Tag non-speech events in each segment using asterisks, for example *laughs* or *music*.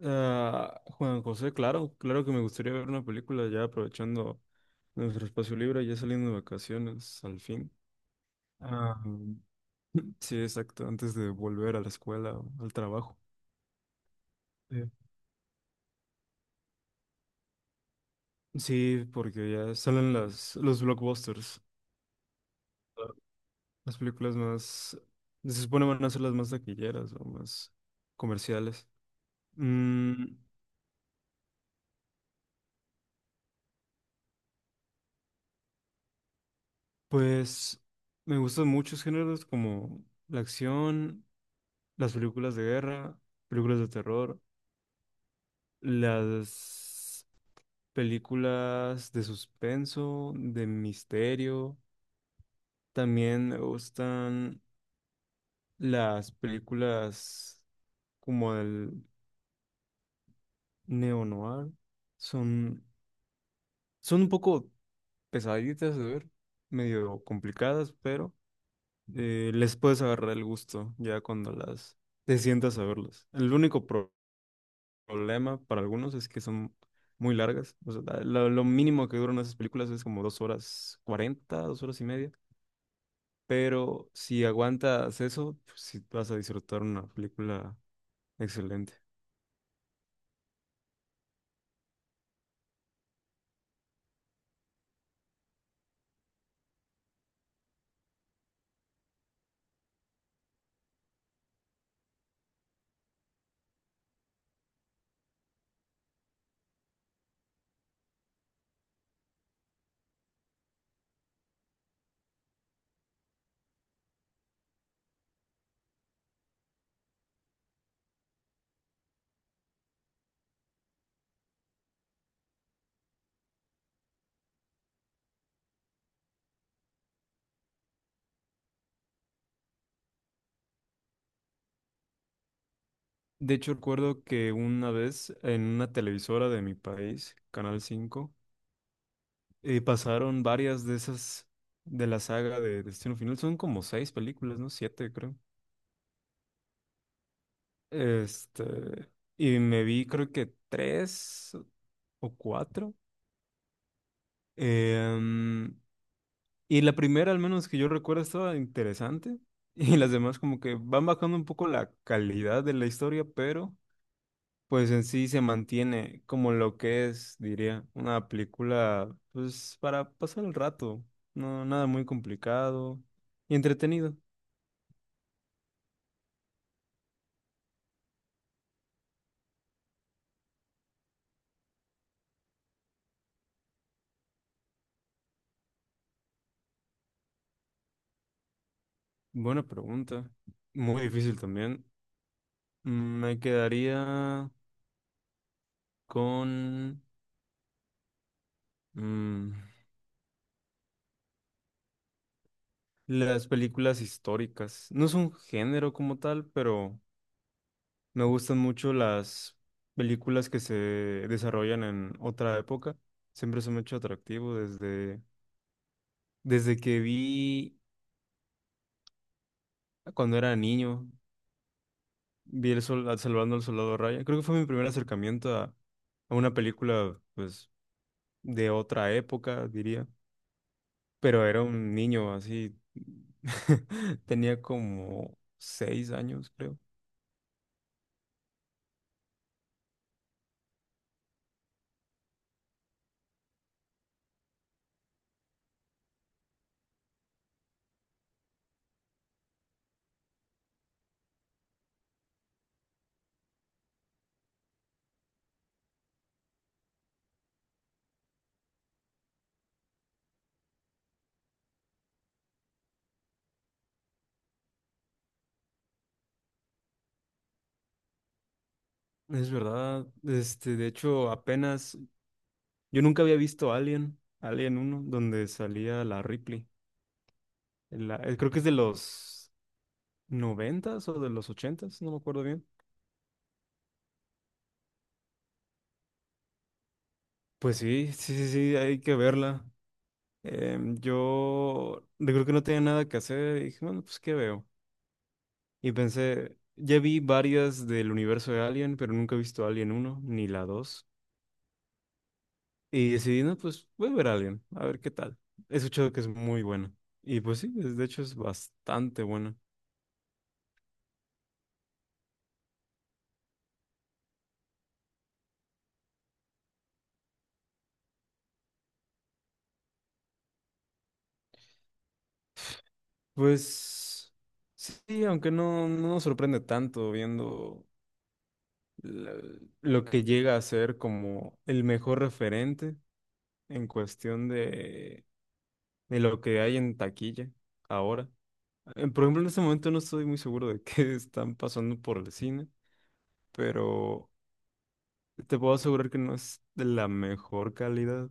Ah, Juan José, claro, claro que me gustaría ver una película ya aprovechando nuestro espacio libre, ya saliendo de vacaciones al fin. Ah, sí, exacto, antes de volver a la escuela o al trabajo. Sí, sí, porque ya salen las, los blockbusters, las películas más, se supone van a ser las más taquilleras o más comerciales. Mm, pues me gustan muchos géneros como la acción, las películas de guerra, películas de terror. Las películas de suspenso, de misterio. También me gustan las películas como el neo-noir. Son, son un poco pesaditas de ver, medio complicadas, pero les puedes agarrar el gusto ya cuando las te sientas a verlas. El único problema para algunos es que son muy largas. O sea, lo mínimo que duran esas películas es como 2 horas 40, 2 horas y media. Pero si aguantas eso, pues sí vas a disfrutar una película excelente. De hecho, recuerdo que una vez en una televisora de mi país, Canal 5, pasaron varias de esas de la saga de Destino Final. Son como seis películas, ¿no? Siete, creo. Este, y me vi creo que tres o cuatro. Em, y la primera, al menos que yo recuerdo, estaba interesante. *laughs* Y las demás como que van bajando un poco la calidad de la historia, pero pues en sí se mantiene como lo que es, diría, una película pues para pasar el rato. No, nada muy complicado y entretenido. Buena pregunta. Muy difícil también. Me quedaría con mm, las películas históricas. No es un género como tal, pero me gustan mucho las películas que se desarrollan en otra época. Siempre se me ha hecho atractivo desde que vi cuando era niño, vi Salvando al Soldado Ryan. Creo que fue mi primer acercamiento a, una película, pues, de otra época, diría. Pero era un niño así. *laughs* Tenía como 6 años, creo. Es verdad. De hecho, apenas yo nunca había visto Alien, Alien uno donde salía la Ripley. Creo que es de los noventas o de los ochentas, no me acuerdo bien. Pues sí, sí, sí, sí, hay que verla. Yo creo que no tenía nada que hacer y dije, bueno, pues ¿qué veo? Y pensé, ya vi varias del universo de Alien, pero nunca he visto Alien uno ni la dos. Y decidí, no, pues voy a ver Alien, a ver qué tal. He escuchado que es muy buena. Y pues sí, es- de hecho es bastante buena. Pues sí, aunque no nos sorprende tanto viendo la- lo que llega a ser como el mejor referente en cuestión de, lo que hay en taquilla ahora. Por ejemplo, en este momento no estoy muy seguro de qué *laughs* están pasando por el cine, pero te puedo asegurar que no es de la mejor calidad.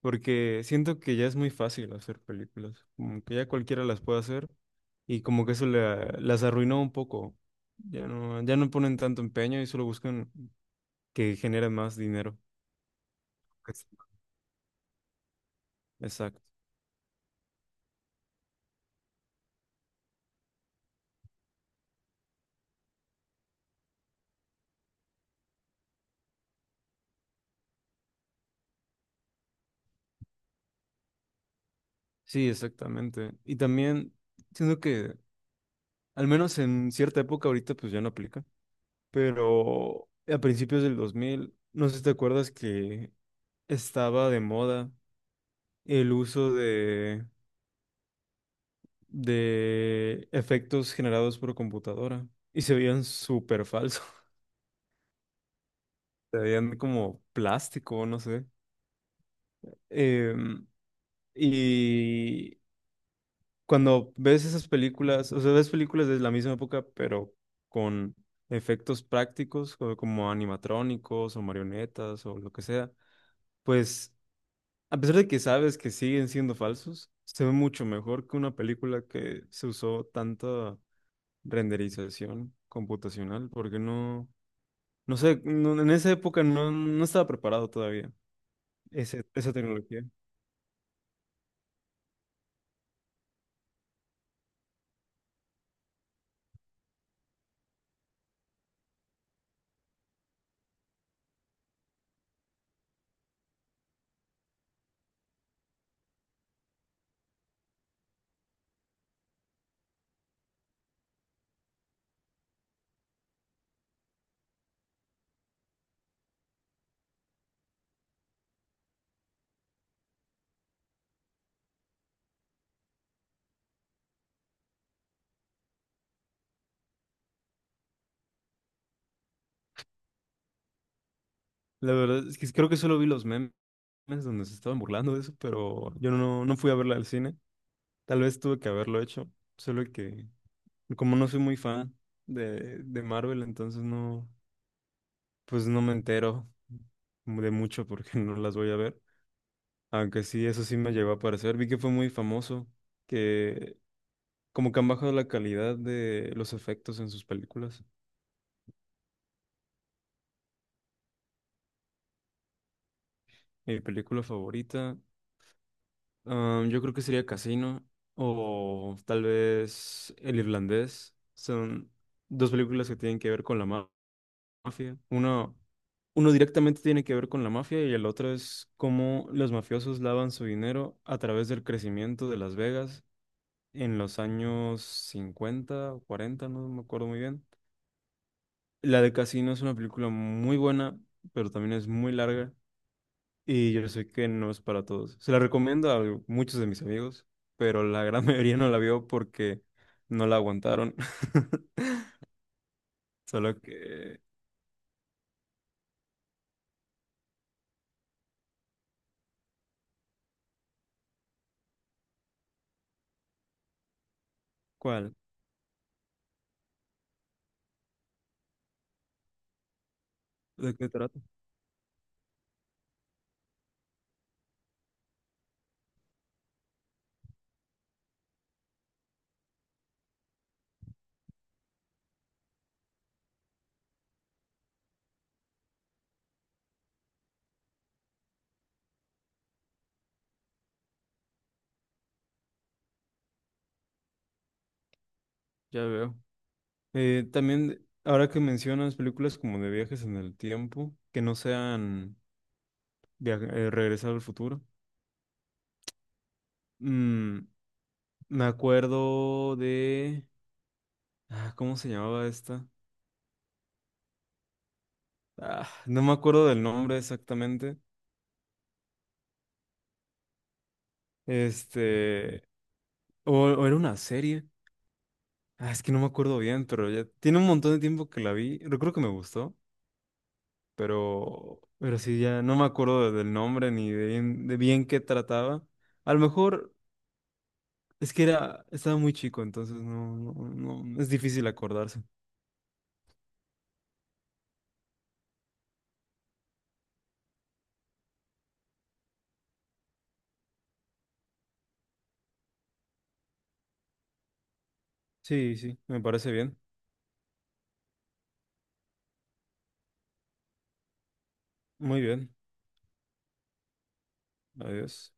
Porque siento que ya es muy fácil hacer películas, como que ya cualquiera las puede hacer y como que eso las arruinó un poco. Ya no, ya no ponen tanto empeño y solo buscan que genere más dinero. Pues, exacto. Sí, exactamente. Y también siento que, al menos en cierta época ahorita, pues ya no aplica, pero a principios del 2000 no sé si te acuerdas que estaba de moda el uso de efectos generados por computadora y se veían súper falsos, *laughs* se veían como plástico, no sé. Em, y cuando ves esas películas, o sea, ves películas de la misma época, pero con efectos prácticos, como animatrónicos o marionetas o lo que sea, pues a pesar de que sabes que siguen siendo falsos, se ve mucho mejor que una película que se usó tanta renderización computacional, porque no... No sé, en esa época no estaba preparado todavía esa tecnología. La verdad es que creo que solo vi los memes donde se estaban burlando de eso, pero yo no fui a verla al cine. Tal vez tuve que haberlo hecho, solo que como no soy muy fan de, Marvel, entonces no, pues no me entero de mucho porque *laughs* no las voy a ver. Aunque sí, eso sí me llegó a parecer. Vi que fue muy famoso, que como que han bajado la calidad de los efectos en sus películas. Mi película favorita. Yo creo que sería Casino o tal vez El Irlandés. Son dos películas que tienen que ver con la mafia. Uno directamente tiene que ver con la mafia y el otro es cómo los mafiosos lavan su dinero a través del crecimiento de Las Vegas en los años 50 o 40, no me acuerdo muy bien. La de Casino es una película muy buena, pero también es muy larga. Y yo sé que no es para todos. Se la recomiendo a muchos de mis amigos, pero la gran *laughs* mayoría no la vio porque no la aguantaron. *laughs* Solo que... ¿Cuál? ¿De qué trata? Ya veo. También, ahora que mencionas películas como de viajes en el tiempo, que no sean Regresar al futuro, mm, me acuerdo de... Ah, ¿cómo se llamaba esta? Ah, no me acuerdo del nombre exactamente. Este... O, o era una serie. Ah, es que no me acuerdo bien, pero ya tiene un montón de tiempo que la vi. Recuerdo que me gustó, pero, sí, ya no me acuerdo del nombre ni de bien qué trataba. A lo mejor es que era, estaba muy chico, entonces no, no, no, es difícil acordarse. Sí, sí, me parece bien. Muy bien. Adiós.